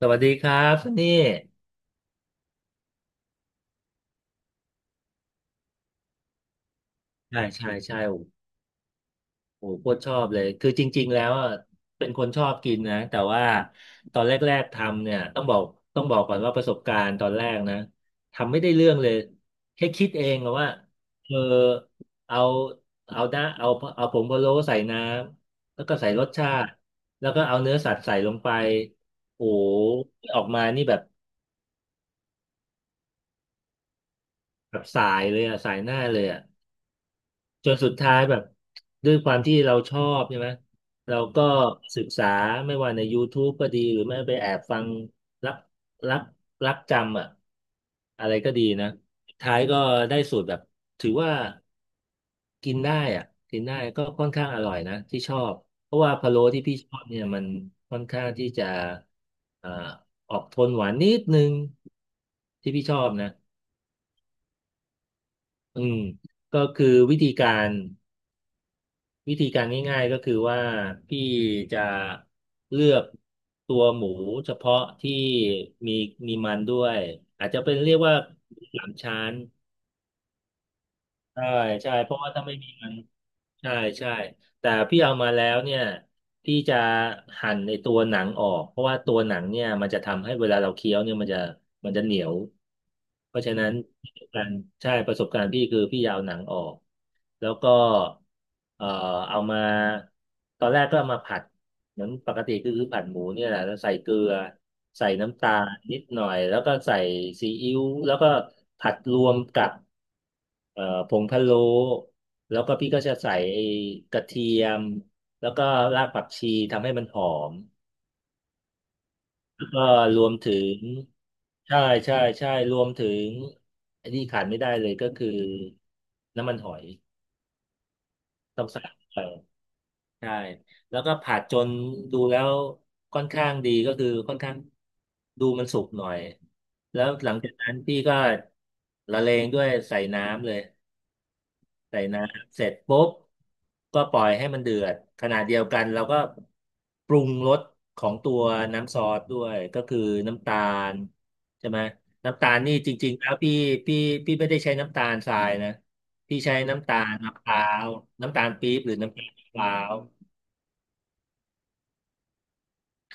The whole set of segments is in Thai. สวัสดีครับซันนี่ใช่ใช่ใช่โอ้โหโคตรชอบเลยคือจริงๆแล้วอะเป็นคนชอบกินนะแต่ว่าตอนแรกๆทำเนี่ยต้องบอกต้องบอกก่อนว่าประสบการณ์ตอนแรกนะทำไม่ได้เรื่องเลยแค่คิดเองอะว่าเออเอาเอาหน้าเอาเอาผงพะโล้ใส่น้ำแล้วก็ใส่รสชาติแล้วก็เอาเนื้อสัตว์ใส่ลงไปโอ้โหออกมานี่แบบแบบสายเลยอะสายหน้าเลยอะ จนสุดท้ายแบบด้วยความที่เราชอบใช่ไหมเราก็ศึกษาไม่ว่าใน YouTube ก็ดีหรือไม่ไปแอบฟังรับรับรับจำอะอะไรก็ดีนะสุดท้ายก็ได้สูตรแบบถือว่ากินได้อ่ะกินได้ก็ค่อนข้างอร่อยนะที่ชอบเพราะว่าพะโล้ที่พี่ชอบเนี่ยมันค่อนข้างที่จะเอ่อออกโทนหวานนิดนึงที่พี่ชอบนะอืมก็คือวิธีการ วิธีการง่ายๆก็คือว่าพี่จะเลือกตัวหมูเฉพาะที่มีมีมันด้วยอาจจะเป็นเรียกว่าหมูสามชั้น ใช่ใช่เพราะว่าถ้าไม่มีมันใช่ใช่แต่พี่เอามาแล้วเนี่ยพี่จะหั่นในตัวหนังออกเพราะว่าตัวหนังเนี่ยมันจะทำให้เวลาเราเคี้ยวเนี่ยมันจะมันจะเหนียวเพราะฉะนั้นประสบการณ์ใช่ประสบการณ์พี่คือพี่ยาวหนังออกแล้วก็เอ่อเอามาตอนแรกก็เอามาผัดเหมือนปกติคือคือผัดหมูเนี่ยแหละแล้วใส่เกลือใส่น้ำตาลนิดหน่อยแล้วก็ใส่ซีอิ๊วแล้วก็ผัดรวมกับ ผงพะโล้แล้วก็พี่ก็จะใส่ไอ้กระเทียมแล้วก็รากผักชีทำให้มันหอมแล้วก็รวมถึงใช่ใช่ใช่รวมถึงอันนี้ขาดไม่ได้เลยก็คือน้ำมันหอยต้องใส่ไปใช่แล้วก็ผัดจนดูแล้วค่อนข้างดีก็คือค่อนข้างดูมันสุกหน่อยแล้วหลังจากนั้นพี่ก็ละเลงด้วยใส่น้ำเลย ใส่น้ำเสร็จปุ๊บก็ปล่อยให้มันเดือดขณะเดียวกันเราก็ปรุงรสของตัวน้ำซอสด้วยก็คือน้ำตาลใช่ไหมน้ำตาลนี่จริงๆแล้วพี่พี่พี่ไม่ได้ใช้น้ำตาลทรายนะพี่ใช้น้ำตาลมะพร้าวน้ำตาลปี๊บหรือน้ำตาลมะพร้าว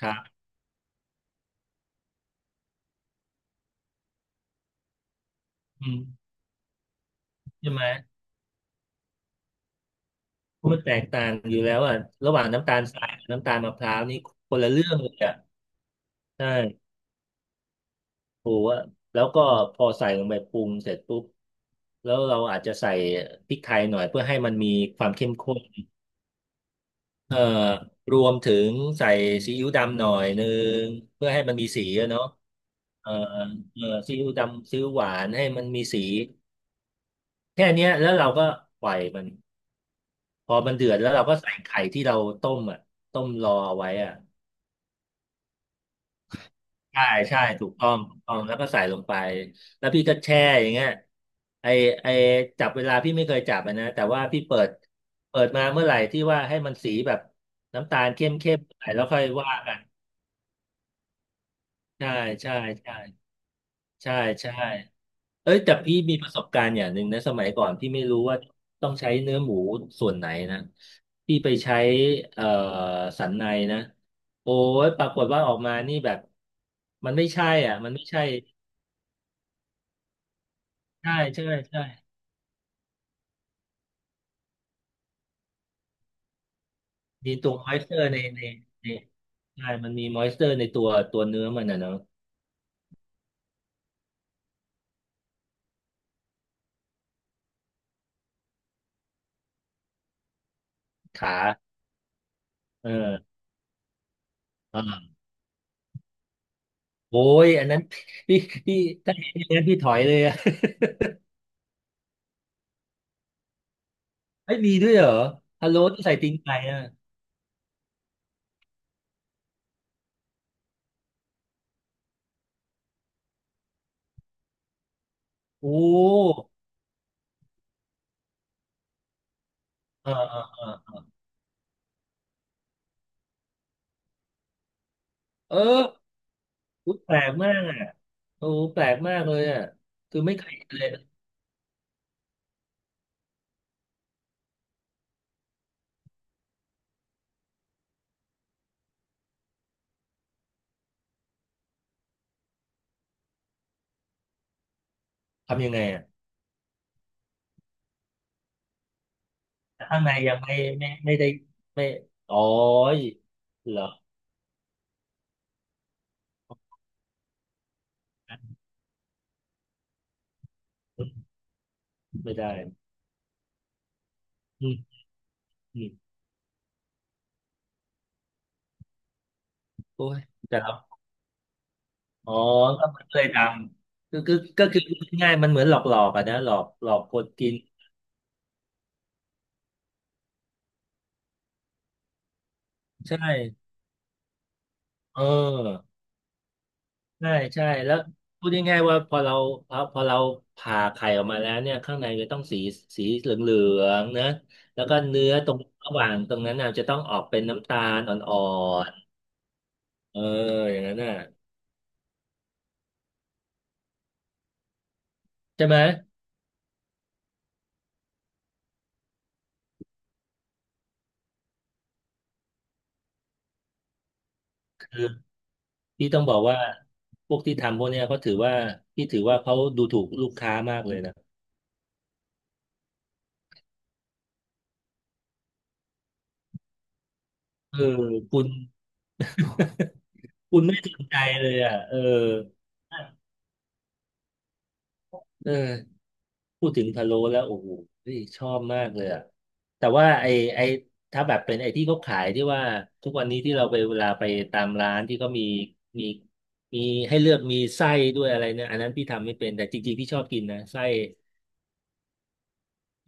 ครับอืมใช่ไหมามันแตกต่างอยู่แล้วอ่ะระหว่างน้ำตาลทรายกับน้ำตาลมะพร้าวนี่คนละเรื่องเลยอ่ะใช่ ปูอะแล้วก็พอใส่ลงไปปรุงเสร็จปุ๊บแล้วเราอาจจะใส่พริกไทยหน่อยเพื่อให้มันมีความเข้มข้นเอ่อรวมถึงใส่ซีอิ๊วดำหน่อยนึงเพื่อให้มันมีสีอะเนาะเอ่อเอ่อซีอิ๊วดำซีอิ๊วหวานให้มันมีสีแค่เนี้ยแล้วเราก็ปล่อยมันพอมันเดือดแล้วเราก็ใส่ไข่ที่เราต้มอ่ะต้มรอเอาไว้อ่ะ ใช่ใช่ถูกต้องถูกต้องแล้วก็ใส่ลงไปแล้วพี่ก็แช่อย่างเงี้ยไอไอจับเวลาพี่ไม่เคยจับอะนะแต่ว่าพี่เปิดเปิดมาเมื่อไหร่ที่ว่าให้มันสีแบบน้ำตาลเข้มเข้มหน่อยแล้วค่อยว่ากันใช่ใช่ใช่ใช่ใช่เอ้ยแต่พี่มีประสบการณ์อย่างหนึ่งนะสมัยก่อนพี่ไม่รู้ว่าต้องใช้เนื้อหมูส่วนไหนนะพี่ไปใช้เอ่อสันในนะโอ้ยปรากฏว่าออกมานี่แบบมันไม่ใช่อ่ะมันไม่ใช่ใช่ใช่ใช่ มีตัวมอยเจอร์ในในใช่มันมีมอยเจอร์ในตัวตัวเนื้อมันนะเนาะขาเอออ่าโอ้ยอันนั้น พี่พี่ถ้าเห็นอย่างนั้นพี่ถอยเลยอะ ไ้ยมีด้วยเหรอฮัลโหลที่ใส่ตีงไก่อะโอ้เออเออเออเอออุ๊ยแปลกมากอ่ะโอ้แปลกมากเลยอ่ะคือไม่เคยเห็นเลยทำยังไงอ่ะแต่ข้างในยังไม่ไม่ไม่ได้ไม่อ๋อยเหรอไม่ได้อืมอืมโอ้ยแต่เรา อ๋อก็ไม่เคยทำคือคือก็คือพูดง่ายๆมันเหมือนหลอกหลอกอะนะหลอกหลอกคนกินใช่เออใช่ใช่แล้วพูดง่ายๆว่าพอเราพอพอเราผ่าไข่ออกมาแล้วเนี่ยข้างในจะต้องสีสีเหลืองๆนะแล้วก็เนื้อตรงระหว่างตรงนั้นน่ะจะต้องออกเป็นน้ำตาลอ่อนๆเอออย่างนั้นน่ะใช่ไหมคือพี่ต้องบอกว่าพวกที่ทำพวกเนี้ยเขาถือว่าพี่ถือว่าเขาดูถูกลูกค้ามากเลยนะเออคุณ คุณไม่สนใจเลยอ่ะเออเออพูดถึงพะโล้แล้วโอ้โหเฮ้ยชอบมากเลยอ่ะแต่ว่าไอ้ถ้าแบบเป็นไอ้ที่เขาขายที่ว่าทุกวันนี้ที่เราไปเวลาไปตามร้านที่เขามีมีให้เลือกมีไส้ด้วยอะไรเนี่ยอันนั้นพี่ทำไม่เป็นแต่จริงๆพี่ชอบกินนะไส้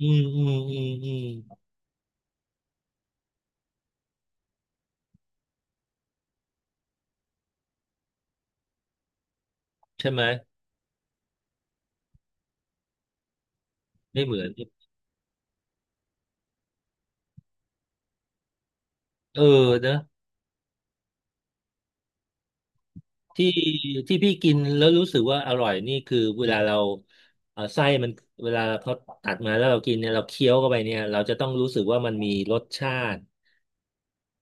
อืมอืมอืมอืมใช่ไหม ไม่เหมือนเออนะ ที่ที่พี่กินแล้วรู้สึกว่าอร่อยนี่คือเวลาเราไส้มันเวลาเขาตัดมาแล้วเรากินเนี่ยเราเคี้ยวเข้าไปเนี่ยเราจะต้องรู้สึกว่ามันมีรสชาติ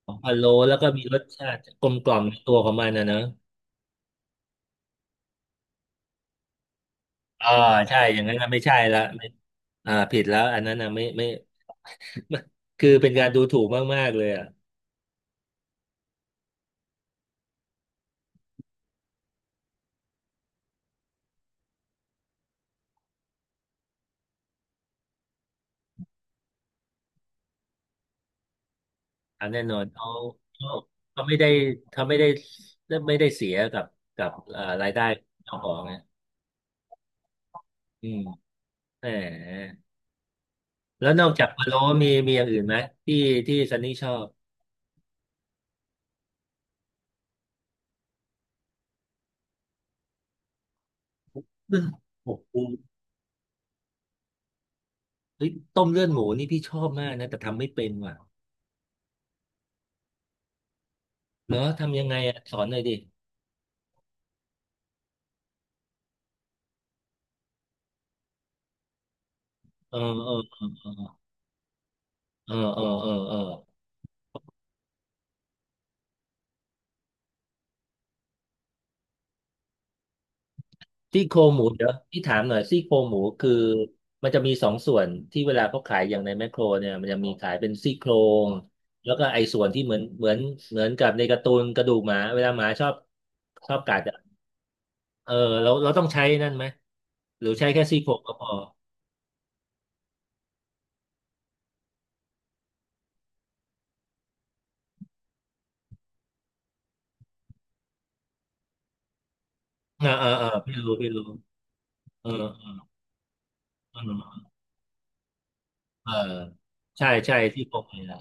ของพะโล้แล้วก็มีรสชาติกลมกล่อมในตัวของมันนะเนอะอ่าใช่อย่างนั้นน่ะไม่ใช่ละไม่อ่าผิดแล้วอันนั้นนะไม่ คือเป็นการดูถูกมากๆเลยอ่ะอนแน่นอนเขาเขาไม่ได้เขาไม่ได้เสียกับรายได้เจ้าของนะอืมแหม แล้วนอกจากพะโล้มีอย่างอื่นไหมที่ที่ซันนี่ชอบเลือดโอ้โหเฮ้ยต้มเลือดหมูนี่พี่ชอบมากนะแต่ทำไม่เป็นว่ะเหรอทำยังไงอ่ะสอนหน่อยดิเออเออเออเออเออเออเออซี่โครงหมูเดี๋ยวพี่ถามหน่อยซี่โครงหมูคือมันจะมีสองส่วนที่เวลาเขาขายอย่างในแมคโครเนี่ยมันจะมีขายเป็นซี่โครงแล้วก็ไอ้ส่วนที่เหมือนเหมือนกับในการ์ตูนกระดูกหมาเวลาหมาชอบกัดอะเออเราต้องใช้นั่นไหมหรือใช้แค่ซี่โครงก็พอ เออเออเออพี่รู้เออเออเออใช่ใช่ที่โครงเลยอ่ะ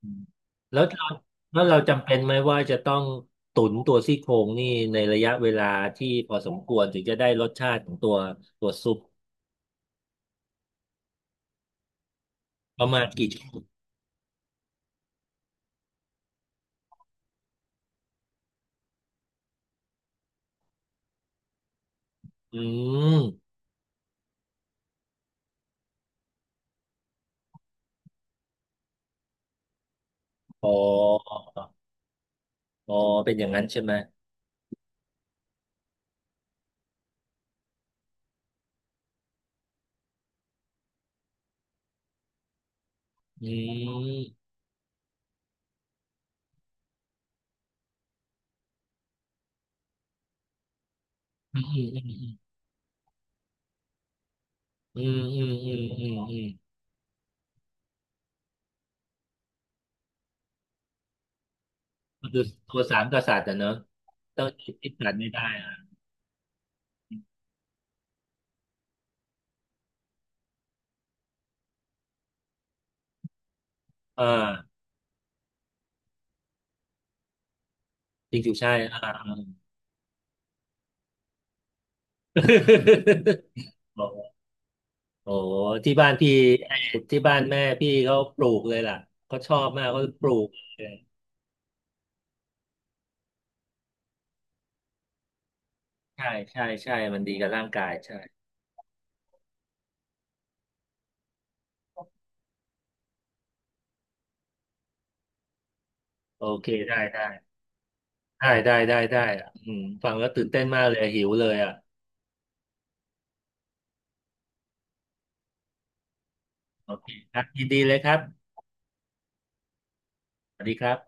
อืมแล้วเราแล้วเราจำเป็นไหมว่าจะต้องตุ๋นตัวซี่โครงนี่ในระยะเวลาที่พอสมควรถึงจะได้รสชาติของตัวตัวซุปประมาณกี่ชั่วโมงอืมอ๋ออ๋อเป็นอย่างนั้นใช่ไหมอืมอืมอืมอืมอืมอืมอืมอืมก็คือตัวสามกษัตริย์อะเนอะต้องคิดสรรไม่ได้อ่ะอ่าจริงๆใช่อ่า โอ้โหที่บ้านพี่ที่บ้านแม่พี่เขาปลูกเลยล่ะเขาชอบมากเขาปลูกเลยใช่ใช่ใช่มันดีกับร่างกายใช่โอเคได้ได้ได้ได้ได้ได้อ่ะอืมฟังแล้วตื่นเต้นมากเลยหิวเลยอ่ะโอเคครับยินดีเลยครับสวัสดีครับ